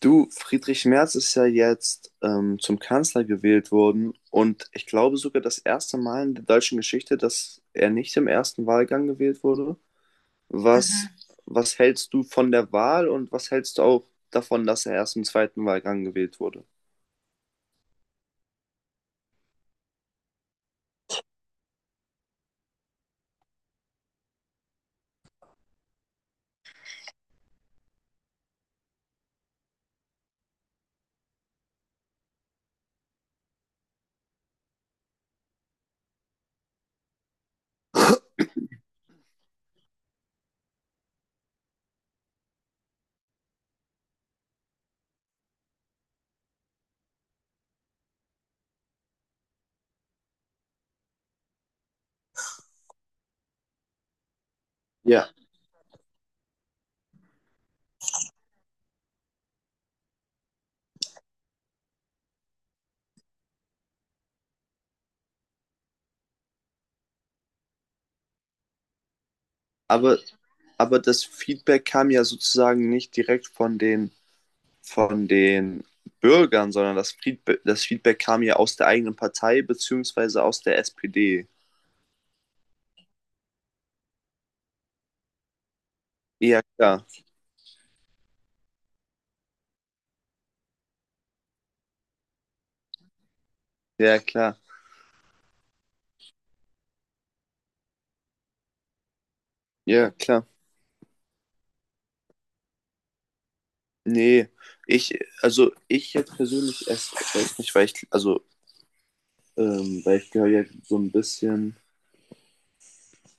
Du, Friedrich Merz ist ja jetzt zum Kanzler gewählt worden und ich glaube sogar das erste Mal in der deutschen Geschichte, dass er nicht im ersten Wahlgang gewählt wurde. Mhm. Was hältst du von der Wahl und was hältst du auch davon, dass er erst im zweiten Wahlgang gewählt wurde? Ja, aber, aber das Feedback kam ja sozusagen nicht direkt von den Bürgern, sondern das Feedback kam ja aus der eigenen Partei beziehungsweise aus der SPD. Ja, klar. Ja, klar. Ja, klar. Nee, ich, also ich jetzt persönlich erst weiß nicht, weil ich gehöre ja so ein bisschen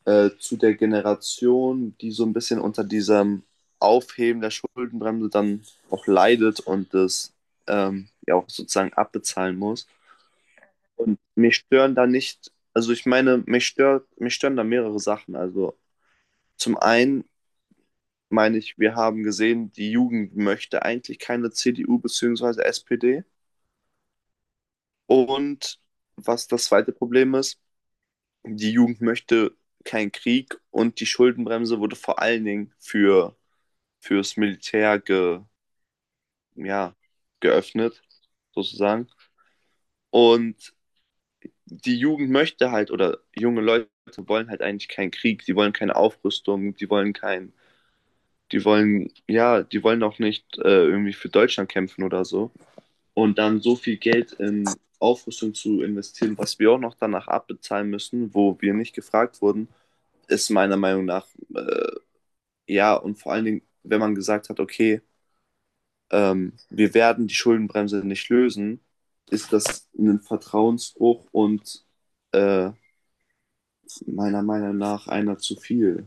zu der Generation, die so ein bisschen unter diesem Aufheben der Schuldenbremse dann auch leidet und das ja auch sozusagen abbezahlen muss. Und mich stören da nicht, also ich meine, mich stören da mehrere Sachen. Also zum einen meine ich, wir haben gesehen, die Jugend möchte eigentlich keine CDU bzw. SPD. Und was das zweite Problem ist, die Jugend möchte keinen Krieg und die Schuldenbremse wurde vor allen Dingen fürs Militär ja, geöffnet, sozusagen. Und die Jugend möchte halt, oder junge Leute wollen halt eigentlich keinen Krieg, die wollen keine Aufrüstung, die wollen kein, die wollen, ja, die wollen auch nicht irgendwie für Deutschland kämpfen oder so. Und dann so viel Geld in Aufrüstung zu investieren, was wir auch noch danach abbezahlen müssen, wo wir nicht gefragt wurden, ist meiner Meinung nach, äh, ja, und vor allen Dingen, wenn man gesagt hat, okay, wir werden die Schuldenbremse nicht lösen, ist das ein Vertrauensbruch und äh, meiner Meinung nach einer zu viel.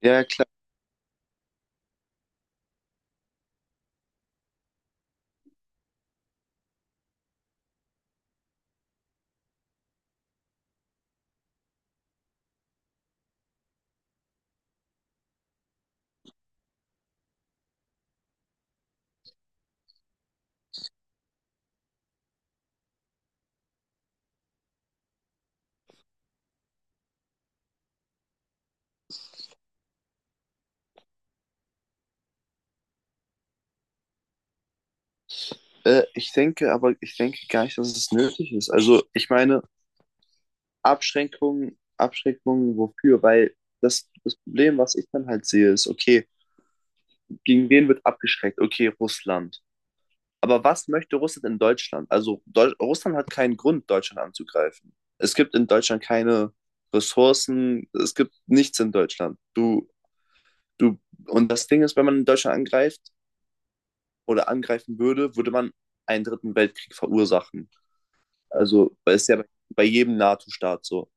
Ja, klar. Ich denke, aber ich denke gar nicht, dass es nötig ist. Also, ich meine, Abschränkungen wofür? Weil das Problem, was ich dann halt sehe, ist, okay, gegen wen wird abgeschreckt? Okay, Russland. Aber was möchte Russland in Deutschland? Also Deu Russland hat keinen Grund, Deutschland anzugreifen. Es gibt in Deutschland keine Ressourcen, es gibt nichts in Deutschland. Du, und das Ding ist, wenn man in Deutschland angreift oder angreifen würde, würde man einen dritten Weltkrieg verursachen. Also, weil es ist ja bei, bei jedem NATO-Staat so.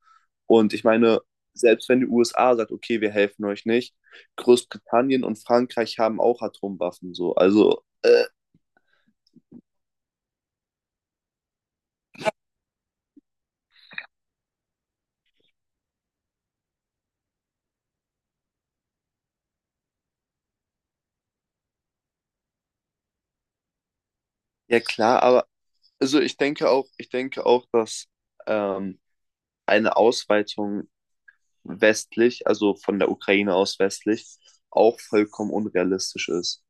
Und ich meine, selbst wenn die USA sagt, okay, wir helfen euch nicht, Großbritannien und Frankreich haben auch Atomwaffen so. Also, ja klar, aber also ich denke auch, dass ähm, eine Ausweitung westlich, also von der Ukraine aus westlich, auch vollkommen unrealistisch ist.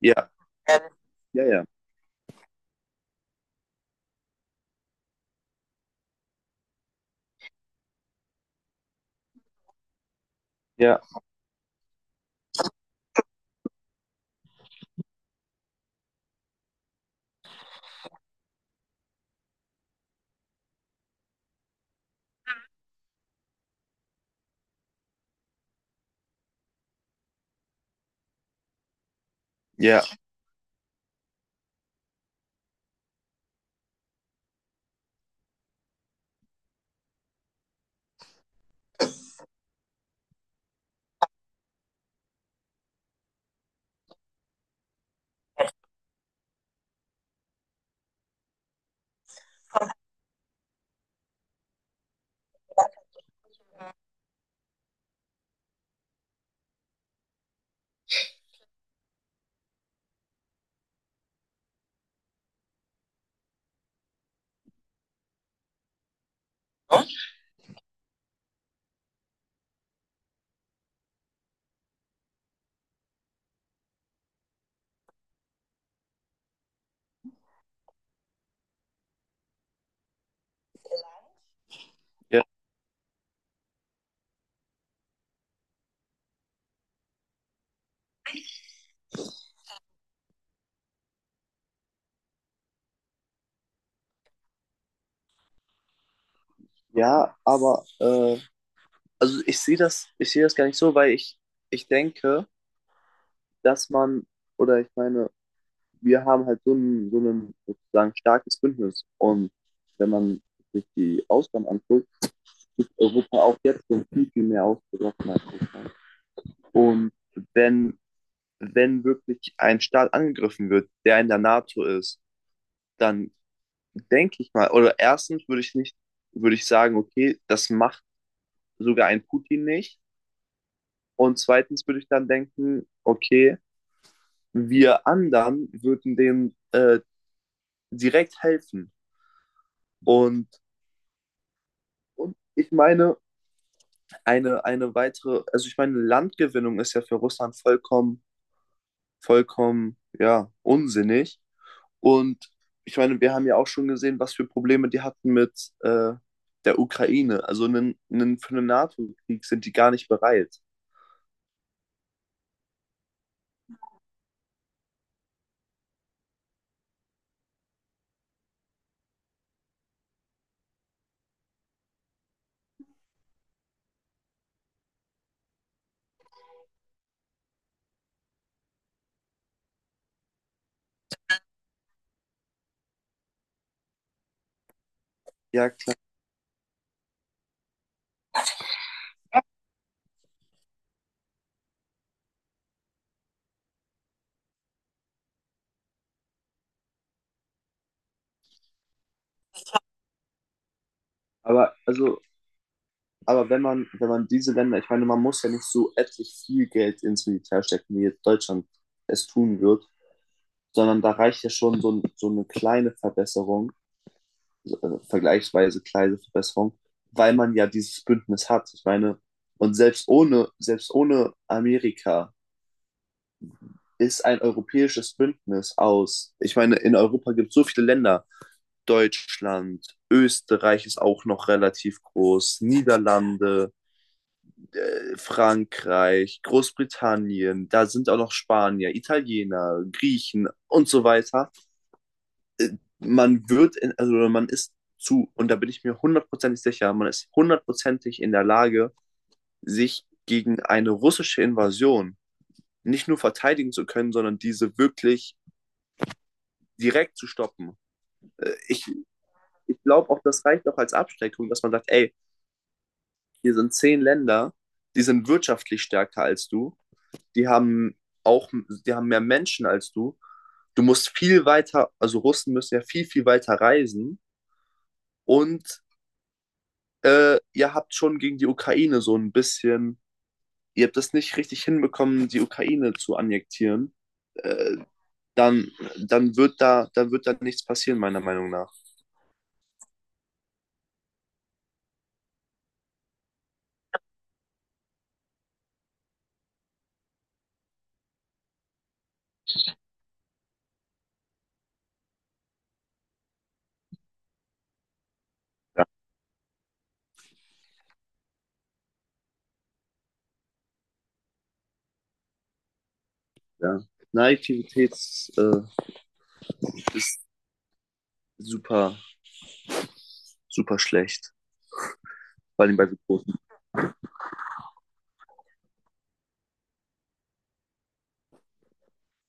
Ja, ja, ja, ja, ja, ja, ja, aber also ich sehe das gar nicht so, ich denke, dass man, oder ich meine, wir haben halt so so ein sozusagen starkes Bündnis. Und wenn man sich die Ausgaben anguckt, ist Europa auch jetzt schon viel, viel mehr ausgerochen als Russland. Und wenn, wenn wirklich ein Staat angegriffen wird, der in der NATO ist, dann denke ich mal, oder erstens würde ich nicht, würde ich sagen, okay, das macht sogar ein Putin nicht. Und zweitens würde ich dann denken, okay, wir anderen würden denen direkt helfen. Und, und ich meine, also ich meine, Landgewinnung ist ja für Russland vollkommen, vollkommen, ja, unsinnig. Und ich meine, wir haben ja auch schon gesehen, was für Probleme die hatten mit der Ukraine. Also für einen NATO-Krieg sind die gar nicht bereit. Ja, klar. Aber, also, aber wenn man diese Länder, ich meine, man muss ja nicht so etlich viel Geld ins Militär stecken, wie jetzt Deutschland es tun wird. Sondern da reicht ja schon so eine kleine Verbesserung, also vergleichsweise kleine Verbesserung, weil man ja dieses Bündnis hat. Ich meine, und selbst ohne Amerika ist ein europäisches Bündnis aus. Ich meine, in Europa gibt es so viele Länder. Deutschland, Österreich ist auch noch relativ groß, Niederlande, Frankreich, Großbritannien, da sind auch noch Spanier, Italiener, Griechen und so weiter. Äh, man wird, in, also man ist zu, Und da bin ich mir hundertprozentig sicher, man ist hundertprozentig in der Lage, sich gegen eine russische Invasion nicht nur verteidigen zu können, sondern diese wirklich direkt zu stoppen. Äh, Ich, Ich glaube auch, das reicht auch als Abschreckung, dass man sagt, ey, hier sind 10 Länder, die sind wirtschaftlich stärker als du, die haben auch, die haben mehr Menschen als du. Du musst viel weiter, also Russen müssen ja viel, viel weiter reisen und ihr habt schon gegen die Ukraine so ein bisschen, ihr habt das nicht richtig hinbekommen, die Ukraine zu annektieren, äh, dann, dann wird dann wird da nichts passieren, meiner Meinung nach. Ja, ja. Naivität äh, ist super, super schlecht, vor allem bei so großen